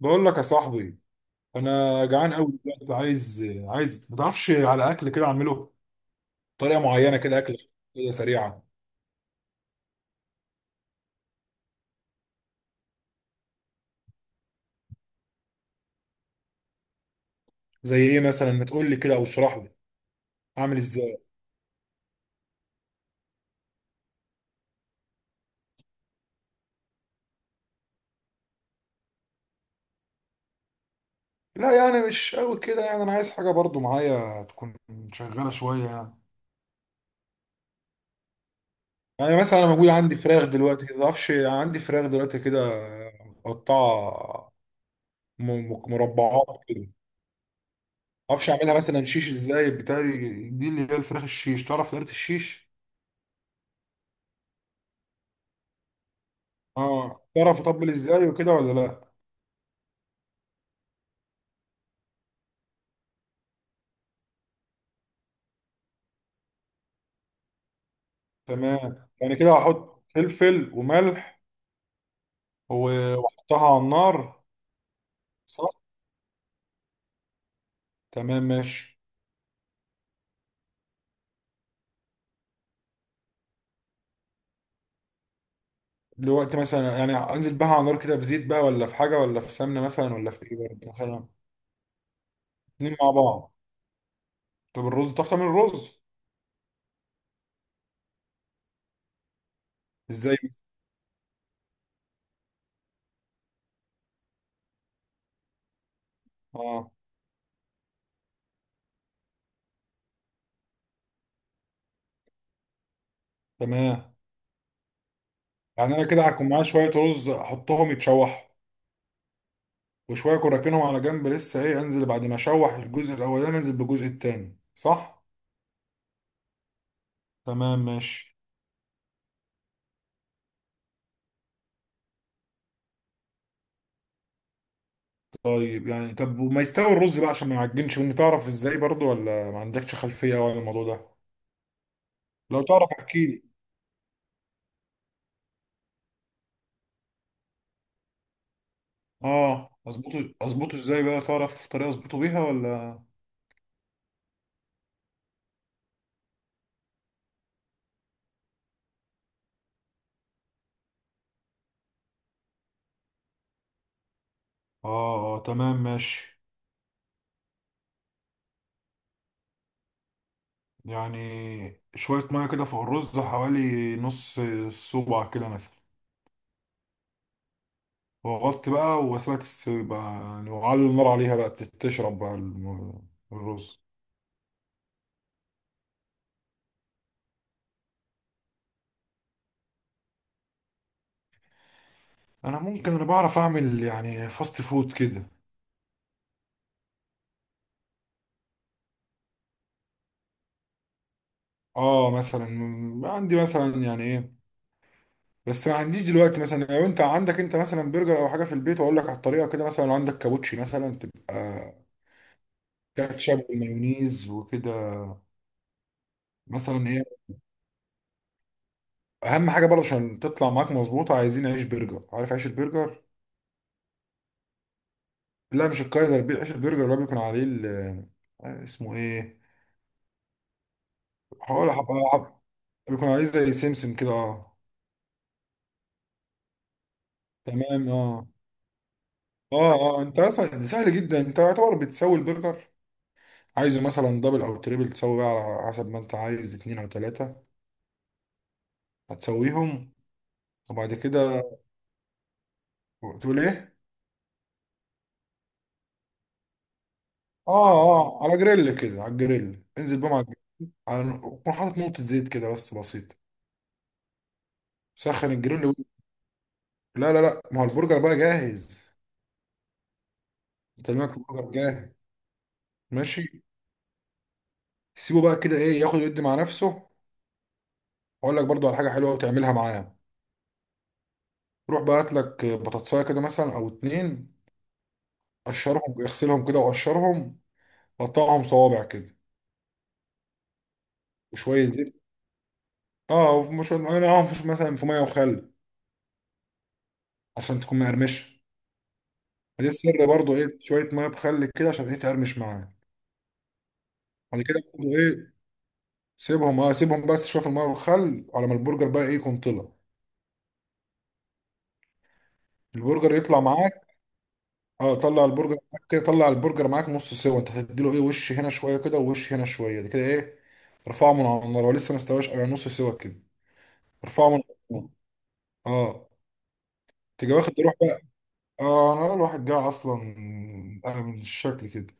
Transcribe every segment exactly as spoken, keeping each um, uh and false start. بقول لك يا صاحبي، انا جعان قوي دلوقتي. عايز عايز ما تعرفش، على اكل كده اعمله بطريقه معينه كده، اكل كده سريعه. زي ايه مثلا؟ ما تقول لي كده او اشرح لي اعمل ازاي. لا، يعني مش قوي كده. يعني انا عايز حاجه برضو معايا تكون شغاله شويه يعني. يعني مثلا انا موجود عندي فراخ دلوقتي كده، ما تعرفش؟ عندي فراخ دلوقتي كده مقطعه م- م- مربعات كده. ما اعرفش اعملها مثلا شيش ازاي، بتاعي دي اللي هي الفراخ الشيش. تعرف طريقه الشيش؟ اه، تعرف تطبل ازاي وكده ولا لا؟ تمام، يعني كده هحط فلفل وملح و- واحطها على النار، صح؟ تمام ماشي. دلوقتي مثلا يعني انزل بقى على النار كده، في زيت بقى ولا في حاجه، ولا في سمنه مثلا، ولا في ايه برضه؟ خلاص، اتنين مع بعض. طب الرز، تعرف تعمل الرز ازاي؟ اه، تمام. يعني انا كده هكون معايا شويه رز احطهم يتشوحوا، وشويه اكون راكنهم على جنب، لسه ايه، انزل بعد ما اشوح الجزء الاولاني انزل بالجزء التاني، صح؟ تمام ماشي. طيب يعني طب وما يستوي الرز بقى عشان ما يعجنش مني، تعرف ازاي برضو ولا ما عندكش خلفية يعني عن الموضوع ده؟ لو تعرف احكي لي. اه، اظبطه اظبطه ازاي بقى، تعرف طريقة اظبطه بيها ولا؟ اه اه، تمام ماشي. يعني شوية مية كده فوق الرز، حوالي نص صباع كده مثلا. وغطت بقى وسيبها تس- بقى يعني، وعلي النار عليها بقى تت- تشرب بقى الم- الرز. انا ممكن انا بعرف اعمل يعني فاست فود كده. اه، مثلا عندي مثلا يعني ايه، بس ما عنديش دلوقتي مثلا. لو انت عندك، انت مثلا برجر او حاجه في البيت، واقول لك على الطريقه كده. مثلا لو عندك كابوتشي مثلا، تبقى كاتشب ومايونيز وكده مثلا ايه. اهم حاجه برضه عشان تطلع معاك مظبوطه، عايزين عيش برجر، عارف عيش البرجر؟ لا، مش الكايزر. بي- عيش البرجر اللي هو بيكون عليه ال- آه، اسمه ايه، هقول هبقى- بيكون عليه زي سمسم كده، اه. تمام، اه اه. اه، انت اصلا ده سهل جدا. انت يعتبر بتسوي البرجر، عايزه مثلا دبل او تريبل، تسوي بقى على حسب ما انت عايز، اتنين او تلاته. هتسويهم وبعد كده تقول ايه. اه اه، على جريل كده، على الجريل انزل بقى مع الجريل. على كون حاطط نقطة زيت كده بس بسيطة، سخن الجريل و... لا لا لا، ما هو البرجر بقى جاهز. بكلمك البرجر جاهز، ماشي. سيبه بقى كده ايه، ياخد ويدي مع نفسه. واقول لك برضو على حاجة حلوة وتعملها معاه. روح بقى هات لك بطاطساية كده مثلا او اتنين، قشرهم اغسلهم كده وقشرهم، قطعهم صوابع كده. وشوية زيت، اه وشوية معاهم مثلا في مية وخل عشان تكون مقرمشة. دي السر برضو ايه، شويه ميه بخل كده عشان ايه تقرمش معاه. بعد كده برضو ايه، سيبهم اه سيبهم بس شويه في الميه والخل على ما البرجر بقى ايه يكون طلع. البرجر يطلع معاك. اه، طلع البرجر معاك كده، طلع البرجر معاك نص سوا. انت هتديله ايه، وش هنا شويه كده ووش هنا شويه، ده كده ايه ارفعه من على النار. هو لسه ما استواش، على نص سوا كده ارفعه من على النار. اه. تيجي واخد تروح بقى. اه، انا الواحد جاي اصلا، انا من الشكل كده.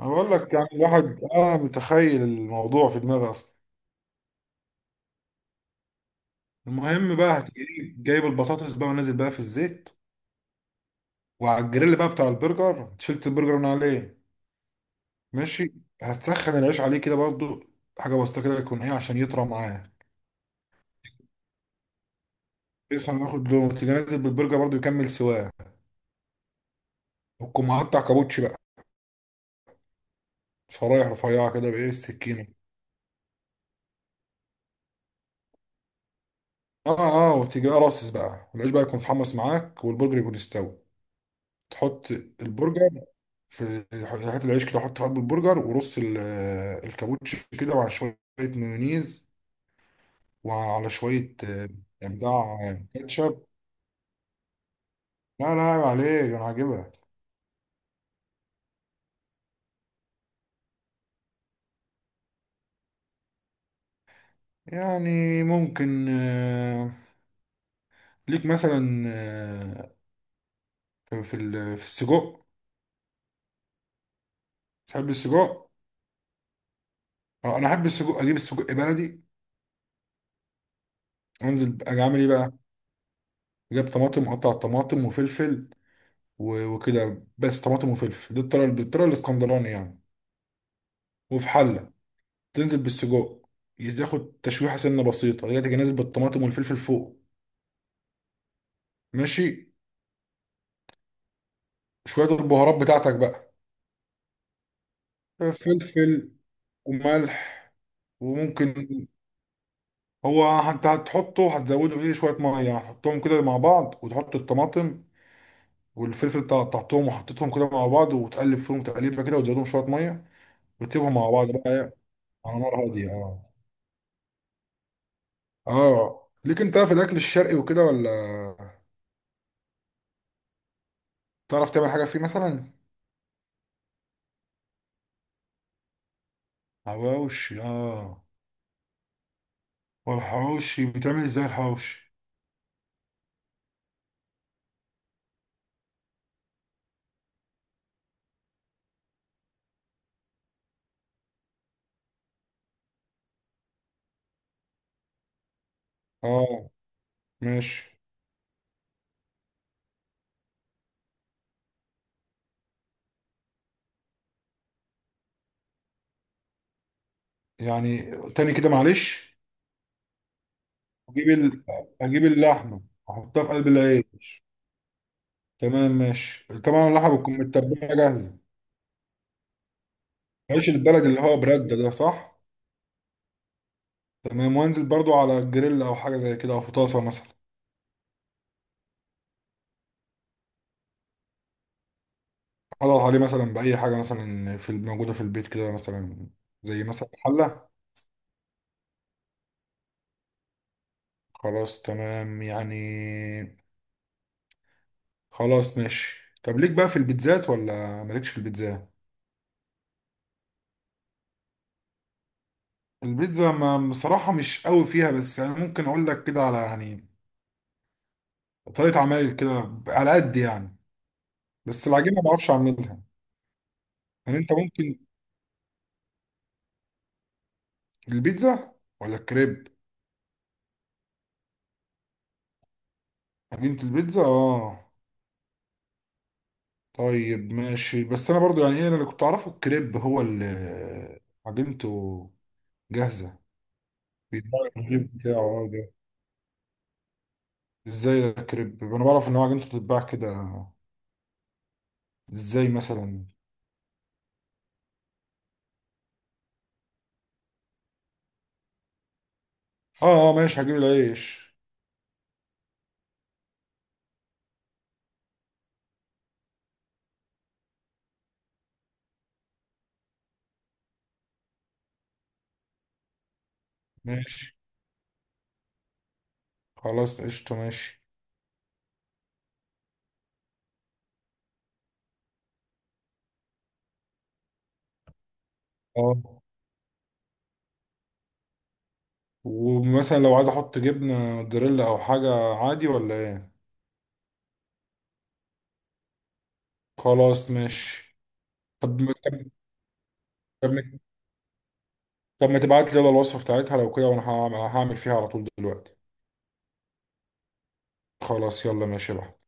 انا بقول لك يعني الواحد اه متخيل الموضوع في دماغي اصلا. المهم بقى، هتجيب جايب البطاطس بقى ونازل بقى في الزيت. وعلى الجريل بقى بتاع البرجر، شلت البرجر من عليه، ماشي. هتسخن العيش عليه كده برضو، حاجة بسيطة كده يكون ايه عشان يطرى معاه. يسخن ياخد لون، تيجي نازل بالبرجر برضو يكمل سواه. وتكون مقطع كابوتشي بقى شرايح رفيعة كده، بإيه، السكينة. اه اه، وتيجي بقى راصص بقى العيش بقى يكون اتحمص معاك والبرجر يكون استوى. تحط البرجر في حته العيش كده، حط في قلب البرجر ورص ال- الكابوتشي كده مع شوية مايونيز، وعلى شوية آه، إبداع آه، كاتشب. لا لا، عيب عليك، أنا عاجبها. يعني ممكن آه، ليك مثلا آه، في ال- في السجق. تحب السجق؟ آه، أنا أحب السجق. أجيب السجق بلدي، أنزل أجي أعمل إيه بقى؟ أجيب طماطم، أقطع الطماطم وفلفل و- وكده. بس طماطم وفلفل، دي الطريقة، بالطريقة الإسكندراني يعني. وفي حلة، تنزل بالسجق، تاخد تشويحة سنة بسيطة، هي تيجي نازل بالطماطم والفلفل فوق، ماشي. شوية البهارات بتاعتك بقى، فلفل وملح. وممكن هو هت- هتحطه، هتزوده فيه شوية مية يعني. هتحطهم كده مع بعض، وتحط الطماطم والفلفل اللي قطعتهم وحطيتهم كده مع بعض، وتقلب فيهم تقليبة كده، وتزودهم شوية مية، وتسيبهم مع بعض بقى يعني على نار هادية. اه. اه، ليك انت في الأكل الشرقي وكده ولا؟ تعرف تعمل حاجة فيه مثلا؟ حواوشي، اه. والحواوشي بيتعمل ازاي الحواوشي؟ اه ماشي، يعني تاني كده معلش. اجيب ال... اجيب اللحمه، احطها في قلب العيش. تمام ماشي، طبعا اللحمه بتكون متبله جاهزه، عيش البلد اللي هو برده ده، صح؟ تمام، وانزل برضو على الجريل، او حاجه زي كده، او في طاسه مثلا. اضغط عليه مثلا باي حاجه مثلا في موجوده في البيت كده، مثلا زي مثلا حله. خلاص تمام يعني، خلاص ماشي. طب ليك بقى في البيتزات ولا مالكش في البيتزا؟ البيتزا، ما بصراحه مش قوي فيها، بس يعني ممكن اقول لك كده على، يعني طريقه عمل كده على قد يعني. بس العجينه ما اعرفش اعملها. يعني انت ممكن، البيتزا ولا الكريب؟ عجينه البيتزا، اه. طيب ماشي، بس انا برضو يعني ايه، انا اللي كنت اعرفه الكريب هو اللي عجينته جاهزه، بيتباع الكريب بتاعه، اه ده. ازاي الكريب، انا بعرف ان هو عجينته بتتباع كده. ازاي مثلا؟ اه اه، ماشي هجيب العيش. ماشي خلاص قشطه ماشي. اه، ومثلا لو عايز احط جبنه موتزاريلا او حاجه عادي ولا ايه؟ خلاص ماشي. طب طب ما- طب ما تبعت لي يلا الوصفة بتاعتها لو كده، وانا هعمل هعمل فيها على طول دلوقتي. خلاص يلا ماشي بقى.